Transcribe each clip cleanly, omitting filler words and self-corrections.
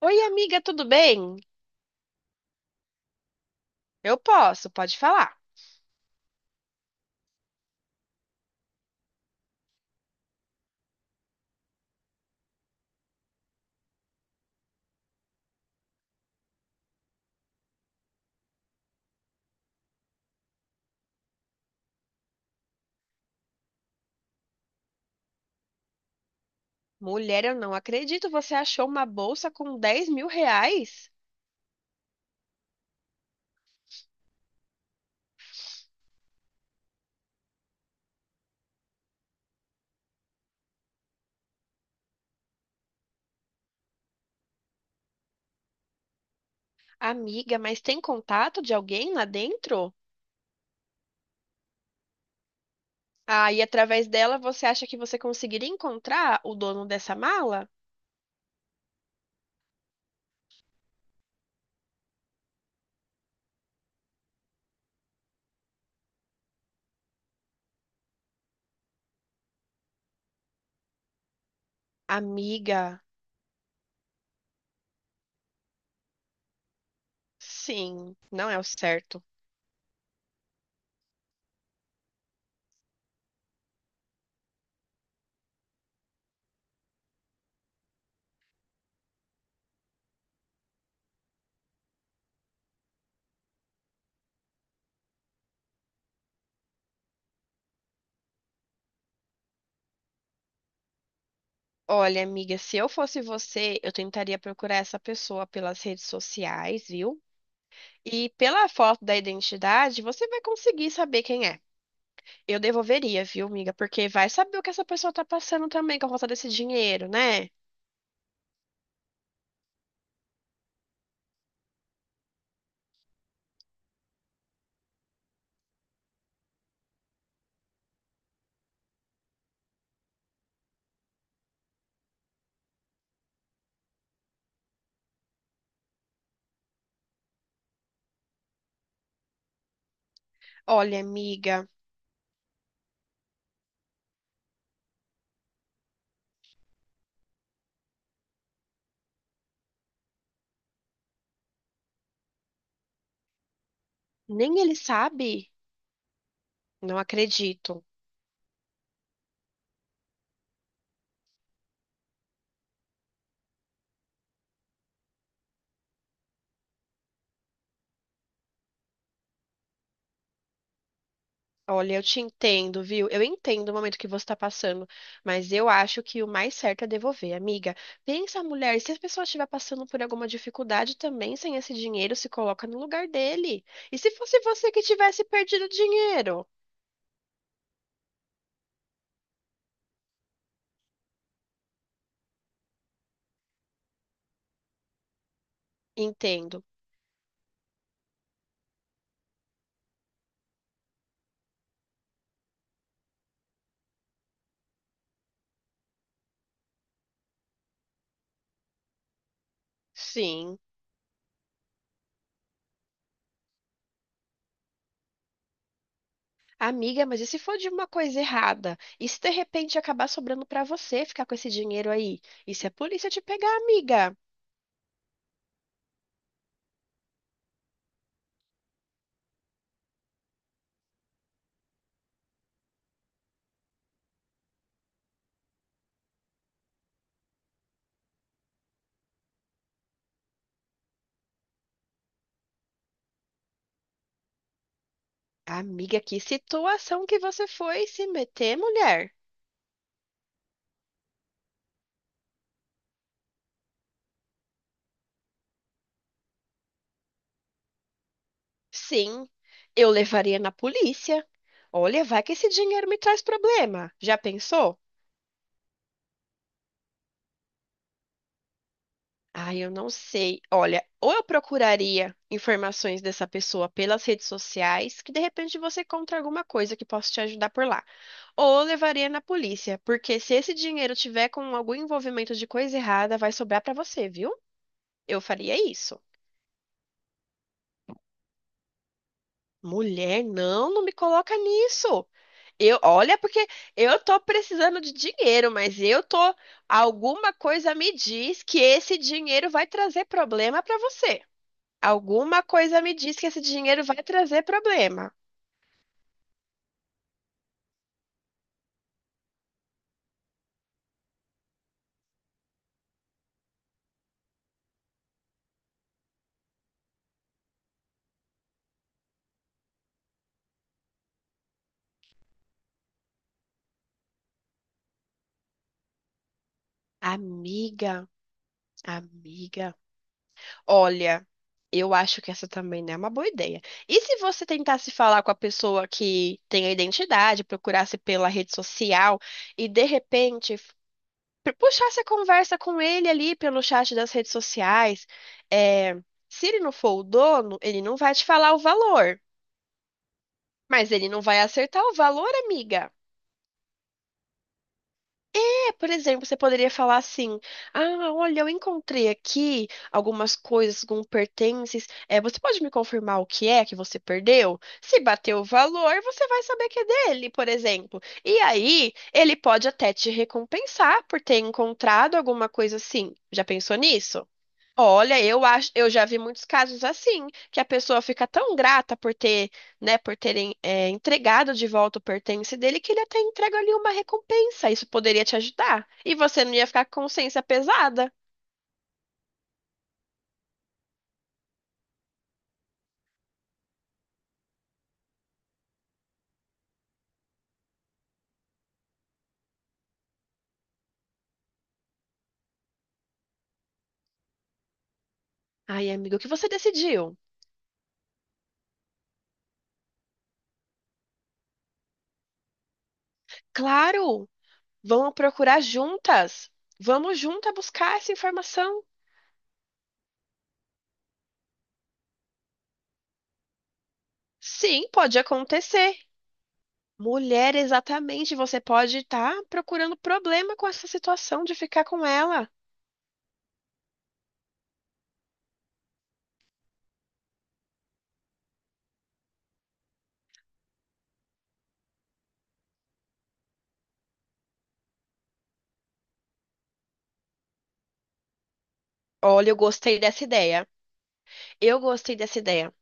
Oi, amiga, tudo bem? Eu posso, pode falar. Mulher, eu não acredito, você achou uma bolsa com R$ 10.000? Amiga, mas tem contato de alguém lá dentro? Ah, e através dela você acha que você conseguiria encontrar o dono dessa mala? Amiga, sim, não é o certo. Olha, amiga, se eu fosse você, eu tentaria procurar essa pessoa pelas redes sociais, viu? E pela foto da identidade, você vai conseguir saber quem é. Eu devolveria, viu, amiga? Porque vai saber o que essa pessoa tá passando também com a volta desse dinheiro, né? Olha, amiga, nem ele sabe? Não acredito. Olha, eu te entendo, viu? Eu entendo o momento que você tá passando, mas eu acho que o mais certo é devolver, amiga. Pensa, mulher, se a pessoa estiver passando por alguma dificuldade também sem esse dinheiro, se coloca no lugar dele. E se fosse você que tivesse perdido o dinheiro? Entendo. Sim. Amiga, mas e se for de uma coisa errada? E se de repente acabar sobrando pra você ficar com esse dinheiro aí? E se a polícia te pegar, amiga? Amiga, que situação que você foi se meter, mulher? Sim, eu levaria na polícia. Olha, vai que esse dinheiro me traz problema. Já pensou? Ah, eu não sei. Olha, ou eu procuraria informações dessa pessoa pelas redes sociais, que de repente você encontra alguma coisa que possa te ajudar por lá. Ou eu levaria na polícia, porque se esse dinheiro tiver com algum envolvimento de coisa errada, vai sobrar pra você, viu? Eu faria isso. Mulher, não, não me coloca nisso. Eu, olha, porque eu tô precisando de dinheiro, mas eu tô, alguma coisa me diz que esse dinheiro vai trazer problema pra você. Alguma coisa me diz que esse dinheiro vai trazer problema. Amiga, amiga, olha, eu acho que essa também não é uma boa ideia. E se você tentasse falar com a pessoa que tem a identidade, procurasse pela rede social e de repente puxasse a conversa com ele ali pelo chat das redes sociais? É, se ele não for o dono, ele não vai te falar o valor, mas ele não vai acertar o valor, amiga. É, por exemplo, você poderia falar assim: Ah, olha, eu encontrei aqui algumas coisas, alguns pertences. É, você pode me confirmar o que é que você perdeu? Se bater o valor, você vai saber que é dele, por exemplo. E aí, ele pode até te recompensar por ter encontrado alguma coisa assim. Já pensou nisso? Olha, eu acho, eu já vi muitos casos assim, que a pessoa fica tão grata por ter, né, por terem entregado de volta o pertence dele que ele até entrega ali uma recompensa. Isso poderia te ajudar. E você não ia ficar com consciência pesada. Ai, amigo, o que você decidiu? Claro, vamos procurar juntas. Vamos juntas buscar essa informação. Sim, pode acontecer. Mulher, exatamente, você pode estar procurando problema com essa situação de ficar com ela. Olha, eu gostei dessa ideia. Eu gostei dessa ideia.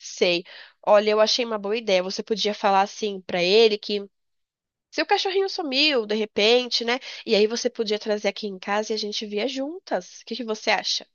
Sei. Olha, eu achei uma boa ideia. Você podia falar assim pra ele que seu cachorrinho sumiu de repente, né? E aí você podia trazer aqui em casa e a gente via juntas. O que que você acha?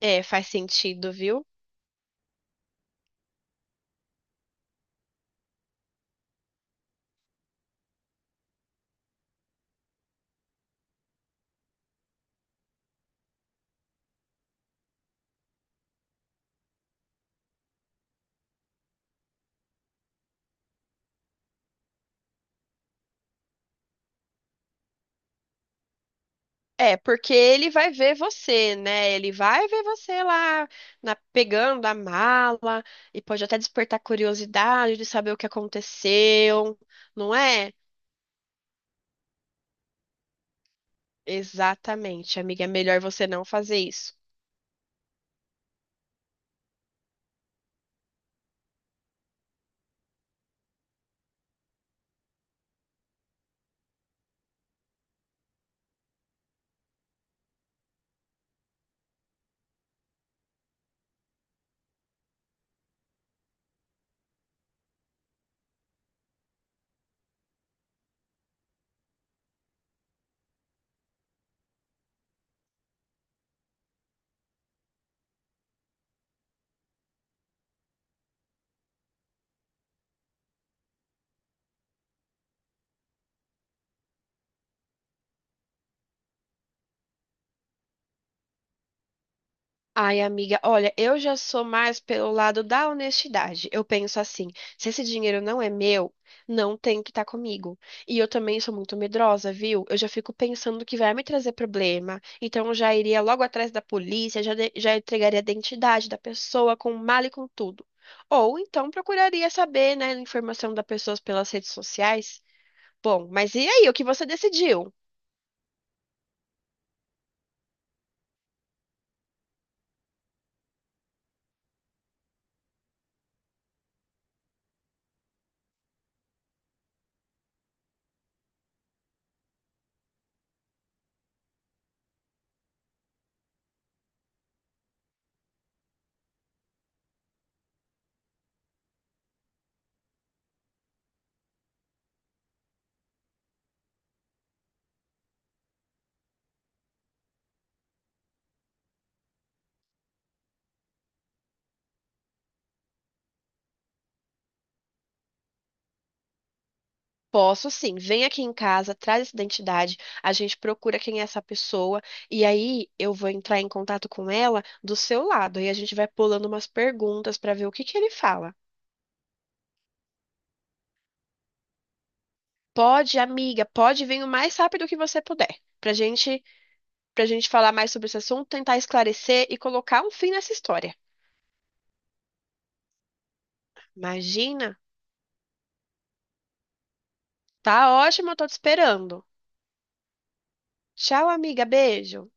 É, faz sentido, viu? É, porque ele vai ver você, né? Ele vai ver você lá pegando a mala e pode até despertar curiosidade de saber o que aconteceu, não é? Exatamente, amiga. É melhor você não fazer isso. Ai, amiga, olha, eu já sou mais pelo lado da honestidade. Eu penso assim, se esse dinheiro não é meu, não tem que estar comigo. E eu também sou muito medrosa, viu? Eu já fico pensando que vai me trazer problema. Então eu já iria logo atrás da polícia, já, já entregaria a identidade da pessoa com mala e com tudo. Ou então procuraria saber, né, a informação da pessoa pelas redes sociais. Bom, mas e aí, o que você decidiu? Posso sim. Vem aqui em casa, traz essa identidade, a gente procura quem é essa pessoa e aí eu vou entrar em contato com ela do seu lado e a gente vai pulando umas perguntas para ver o que que ele fala. Pode, amiga, pode vir o mais rápido que você puder, pra gente falar mais sobre esse assunto, tentar esclarecer e colocar um fim nessa história. Imagina? Tá ótimo, eu tô te esperando. Tchau, amiga, beijo.